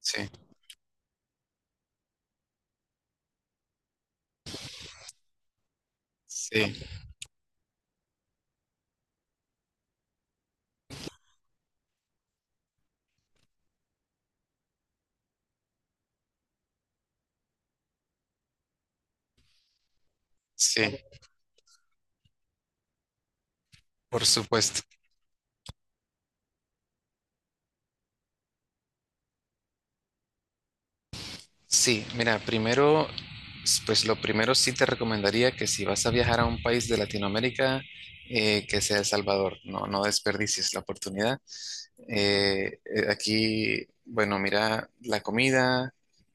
Sí, sí, sí, por supuesto. Sí, mira, primero, pues lo primero sí te recomendaría que si vas a viajar a un país de Latinoamérica, que sea El Salvador. No, no desperdicies la oportunidad. Aquí, bueno, mira, la comida,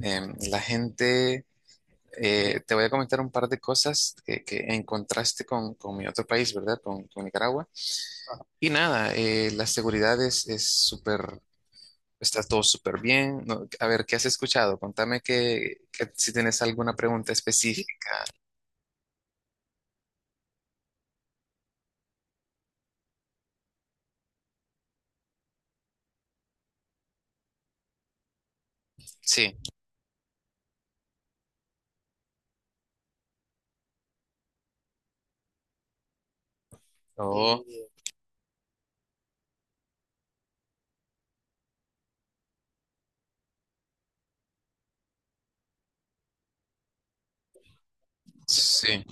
la gente, te voy a comentar un par de cosas que en contraste con mi otro país, ¿verdad? Con Nicaragua. Y nada, la seguridad es súper está todo súper bien. No, a ver, ¿qué has escuchado? Contame, que si tienes alguna pregunta específica. Sí. Oh. Sí,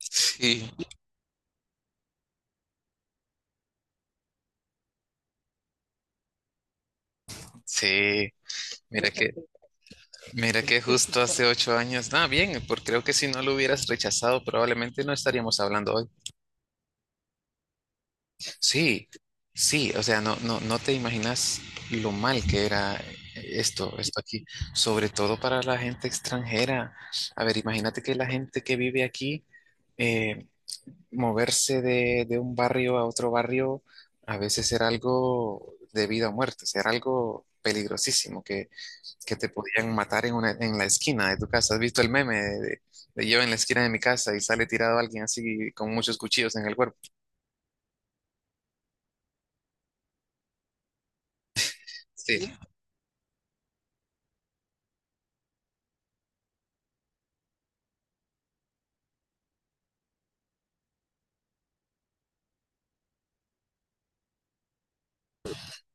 sí. Sí, sí. Mira que, mira que justo hace 8 años. Ah, bien, porque creo que si no lo hubieras rechazado, probablemente no estaríamos hablando hoy. Sí, sí. O sea, no, no, no te imaginas lo mal que era, esto aquí. Sobre todo para la gente extranjera. A ver, imagínate que la gente que vive aquí, eh, moverse de un barrio a otro barrio a veces era algo de vida o muerte. O sea, era algo peligrosísimo, que te podían matar en la esquina de tu casa. ¿Has visto el meme de, de yo en la esquina de mi casa y sale tirado alguien así con muchos cuchillos en el cuerpo? Sí,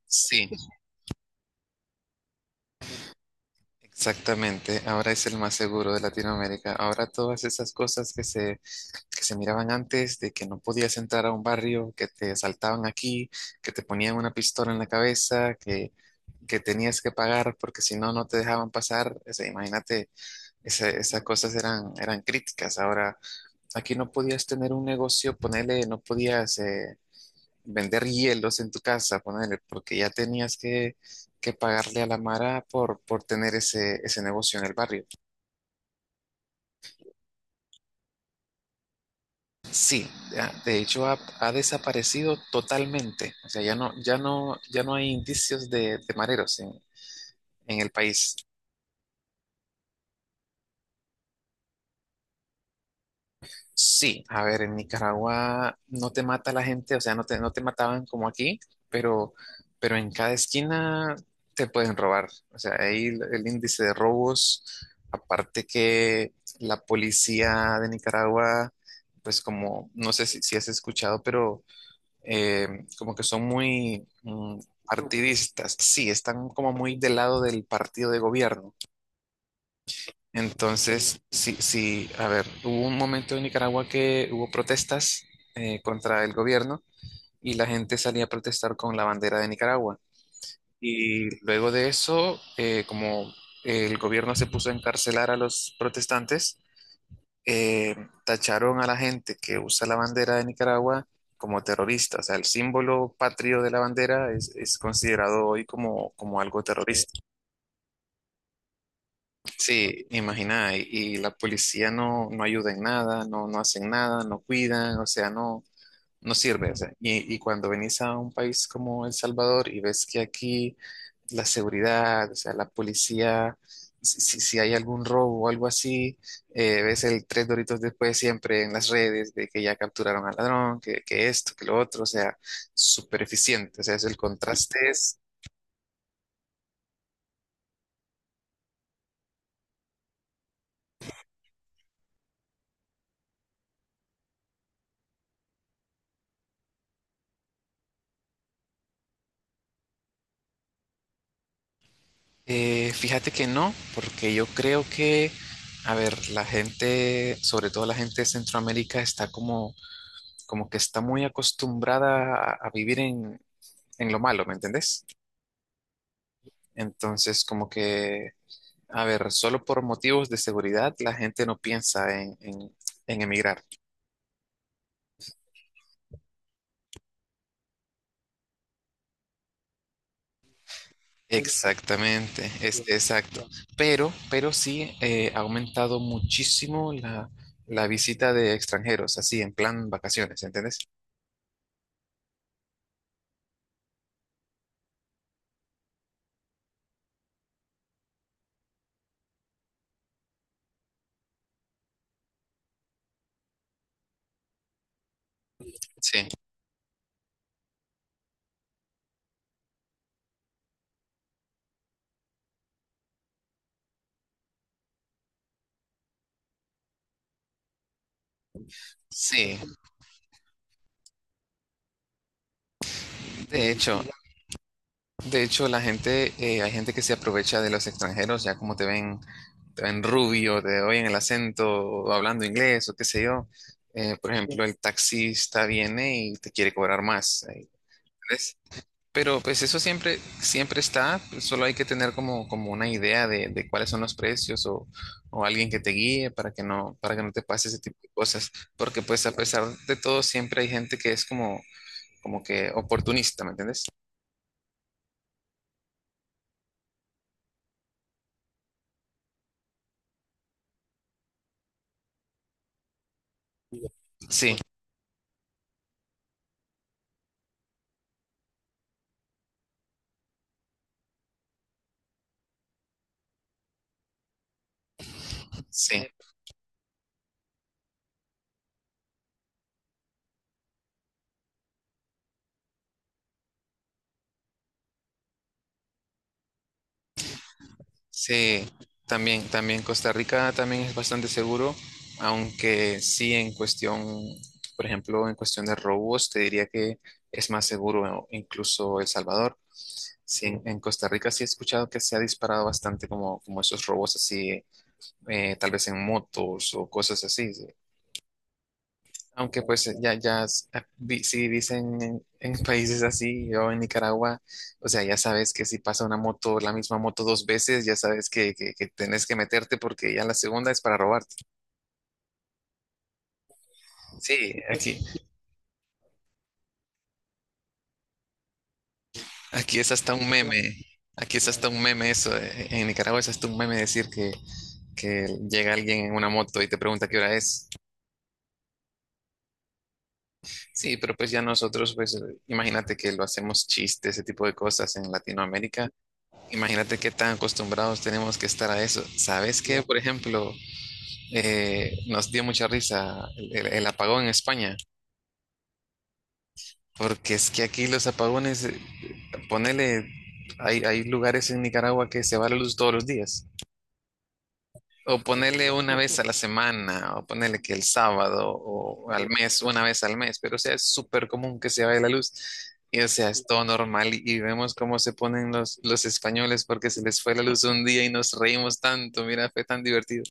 sí, sí, exactamente. Ahora es el más seguro de Latinoamérica. Ahora todas esas cosas que se miraban antes, de que no podías entrar a un barrio, que te asaltaban aquí, que te ponían una pistola en la cabeza, que tenías que pagar porque si no, no te dejaban pasar. O sea, imagínate, esas cosas eran críticas. Ahora, aquí no podías tener un negocio, ponele, no podías, vender hielos en tu casa, ponele, porque ya tenías que pagarle a la Mara por tener ese negocio en el barrio. Sí, ya, de hecho ha desaparecido totalmente. O sea, ya no hay indicios de mareros en el país. Sí, a ver, en Nicaragua no te mata la gente, o sea, no te mataban como aquí, pero, pero en cada esquina te pueden robar. O sea, ahí el índice de robos, aparte que la policía de Nicaragua, pues como, no sé si has escuchado, pero eh, como que son muy partidistas. Sí, están como muy del lado del partido de gobierno. Entonces, sí, sí, a ver, hubo un momento en Nicaragua que hubo protestas contra el gobierno, y la gente salía a protestar con la bandera de Nicaragua. Y luego de eso, como el gobierno se puso a encarcelar a los protestantes, eh, tacharon a la gente que usa la bandera de Nicaragua como terrorista. O sea, el símbolo patrio de la bandera es considerado hoy como, como algo terrorista. Sí, imagina, y la policía no, no ayuda en nada, no, no hacen nada, no cuidan, o sea, no, no sirve. O sea, y cuando venís a un país como El Salvador y ves que aquí la seguridad, o sea, la policía, si hay algún robo o algo así, ves el tres doritos después siempre en las redes de que ya capturaron al ladrón, que esto, que lo otro. O sea, súper eficiente. O sea, es el contraste es. Fíjate que no, porque yo creo que, a ver, la gente, sobre todo la gente de Centroamérica, está como que está muy acostumbrada a vivir en lo malo, ¿me entendés? Entonces, como que a ver, solo por motivos de seguridad la gente no piensa en, en emigrar. Exactamente, es bien, exacto, bien. Pero sí, ha aumentado muchísimo la visita de extranjeros, así en plan vacaciones, ¿entendés? Sí, sí. De hecho, de hecho la gente, hay gente que se aprovecha de los extranjeros, ya como te ven, rubio, te oyen el acento, o hablando inglés, o qué sé yo. Por bien, ejemplo, el taxista viene y te quiere cobrar más. ¿Entendés? Pero pues eso siempre está, pues solo hay que tener como una idea de cuáles son los precios, o alguien que te guíe para que no te pase ese tipo de cosas. Porque pues a pesar de todo siempre hay gente que es como que oportunista, ¿me entiendes? Sí, sí. Sí, también Costa Rica también es bastante seguro, aunque sí en cuestión, por ejemplo, en cuestión de robos, te diría que es más seguro incluso El Salvador. Sí, en Costa Rica sí he escuchado que se ha disparado bastante como esos robos así, tal vez en motos o cosas así. Sí. Aunque pues ya, ya, ah, si dicen en, países así, yo en Nicaragua, o sea, ya sabes que si pasa una moto, la misma moto dos veces, ya sabes que tenés que meterte porque ya la segunda es para robarte. Sí, aquí, aquí es hasta un meme, aquí es hasta un meme eso. En Nicaragua es hasta un meme decir que llega alguien en una moto y te pregunta qué hora es. Sí, pero pues ya nosotros, pues imagínate que lo hacemos chiste, ese tipo de cosas en Latinoamérica. Imagínate qué tan acostumbrados tenemos que estar a eso. ¿Sabes qué? Por ejemplo, nos dio mucha risa el, el apagón en España, porque es que aquí los apagones, ponele, hay lugares en Nicaragua que se va la luz todos los días, o ponele una vez a la semana, o ponele que el sábado, o al mes, una vez al mes, pero o sea, es súper común que se vaya la luz. Y o sea, es todo normal y vemos cómo se ponen los españoles porque se les fue la luz un día y nos reímos tanto, mira, fue tan divertido.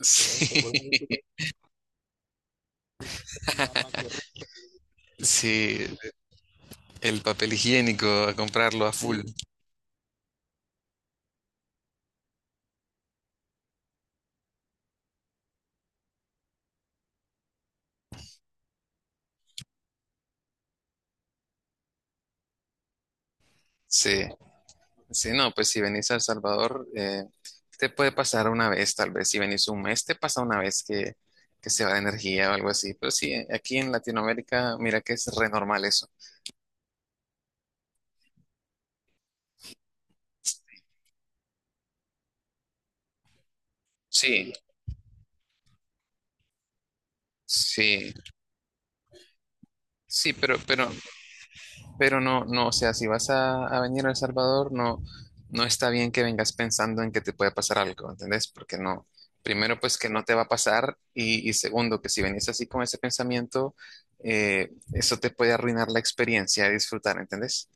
Sí, sí, el papel higiénico, a comprarlo a full. Sí, sí, no, pues si venís a El Salvador, te puede pasar una vez, tal vez. Si venís un mes, te pasa una vez que se va de energía o algo así. Pero sí, aquí en Latinoamérica, mira que es re normal eso. Sí, sí, sí, pero no, no, o sea, si vas a venir a El Salvador, no, no está bien que vengas pensando en que te puede pasar algo, ¿entendés? Porque no, primero pues que no te va a pasar, y segundo que si venís así con ese pensamiento, eso te puede arruinar la experiencia de disfrutar, ¿entendés?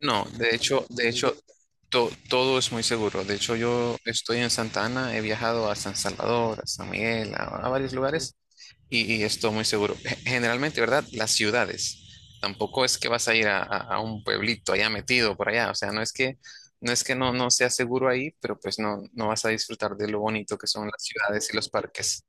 No, de hecho, de, sí, hecho, todo es muy seguro. De hecho, yo estoy en Santa Ana, he viajado a San Salvador, a San Miguel, a varios lugares, y esto muy seguro. Generalmente, ¿verdad? Las ciudades. Tampoco es que vas a ir a, a un pueblito allá metido por allá. O sea, no es que no es que no, no sea seguro ahí, pero pues no, no vas a disfrutar de lo bonito que son las ciudades y los parques.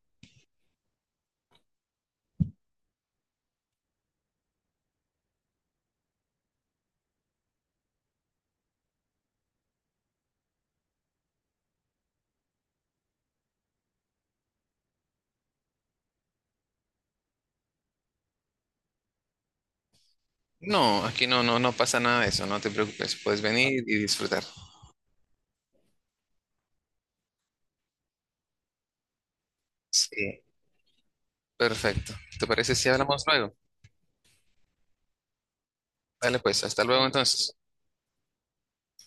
No, aquí no, no, no pasa nada de eso, no te preocupes, puedes venir y disfrutar. Sí, perfecto. ¿Te parece si hablamos luego? Dale pues, hasta luego entonces.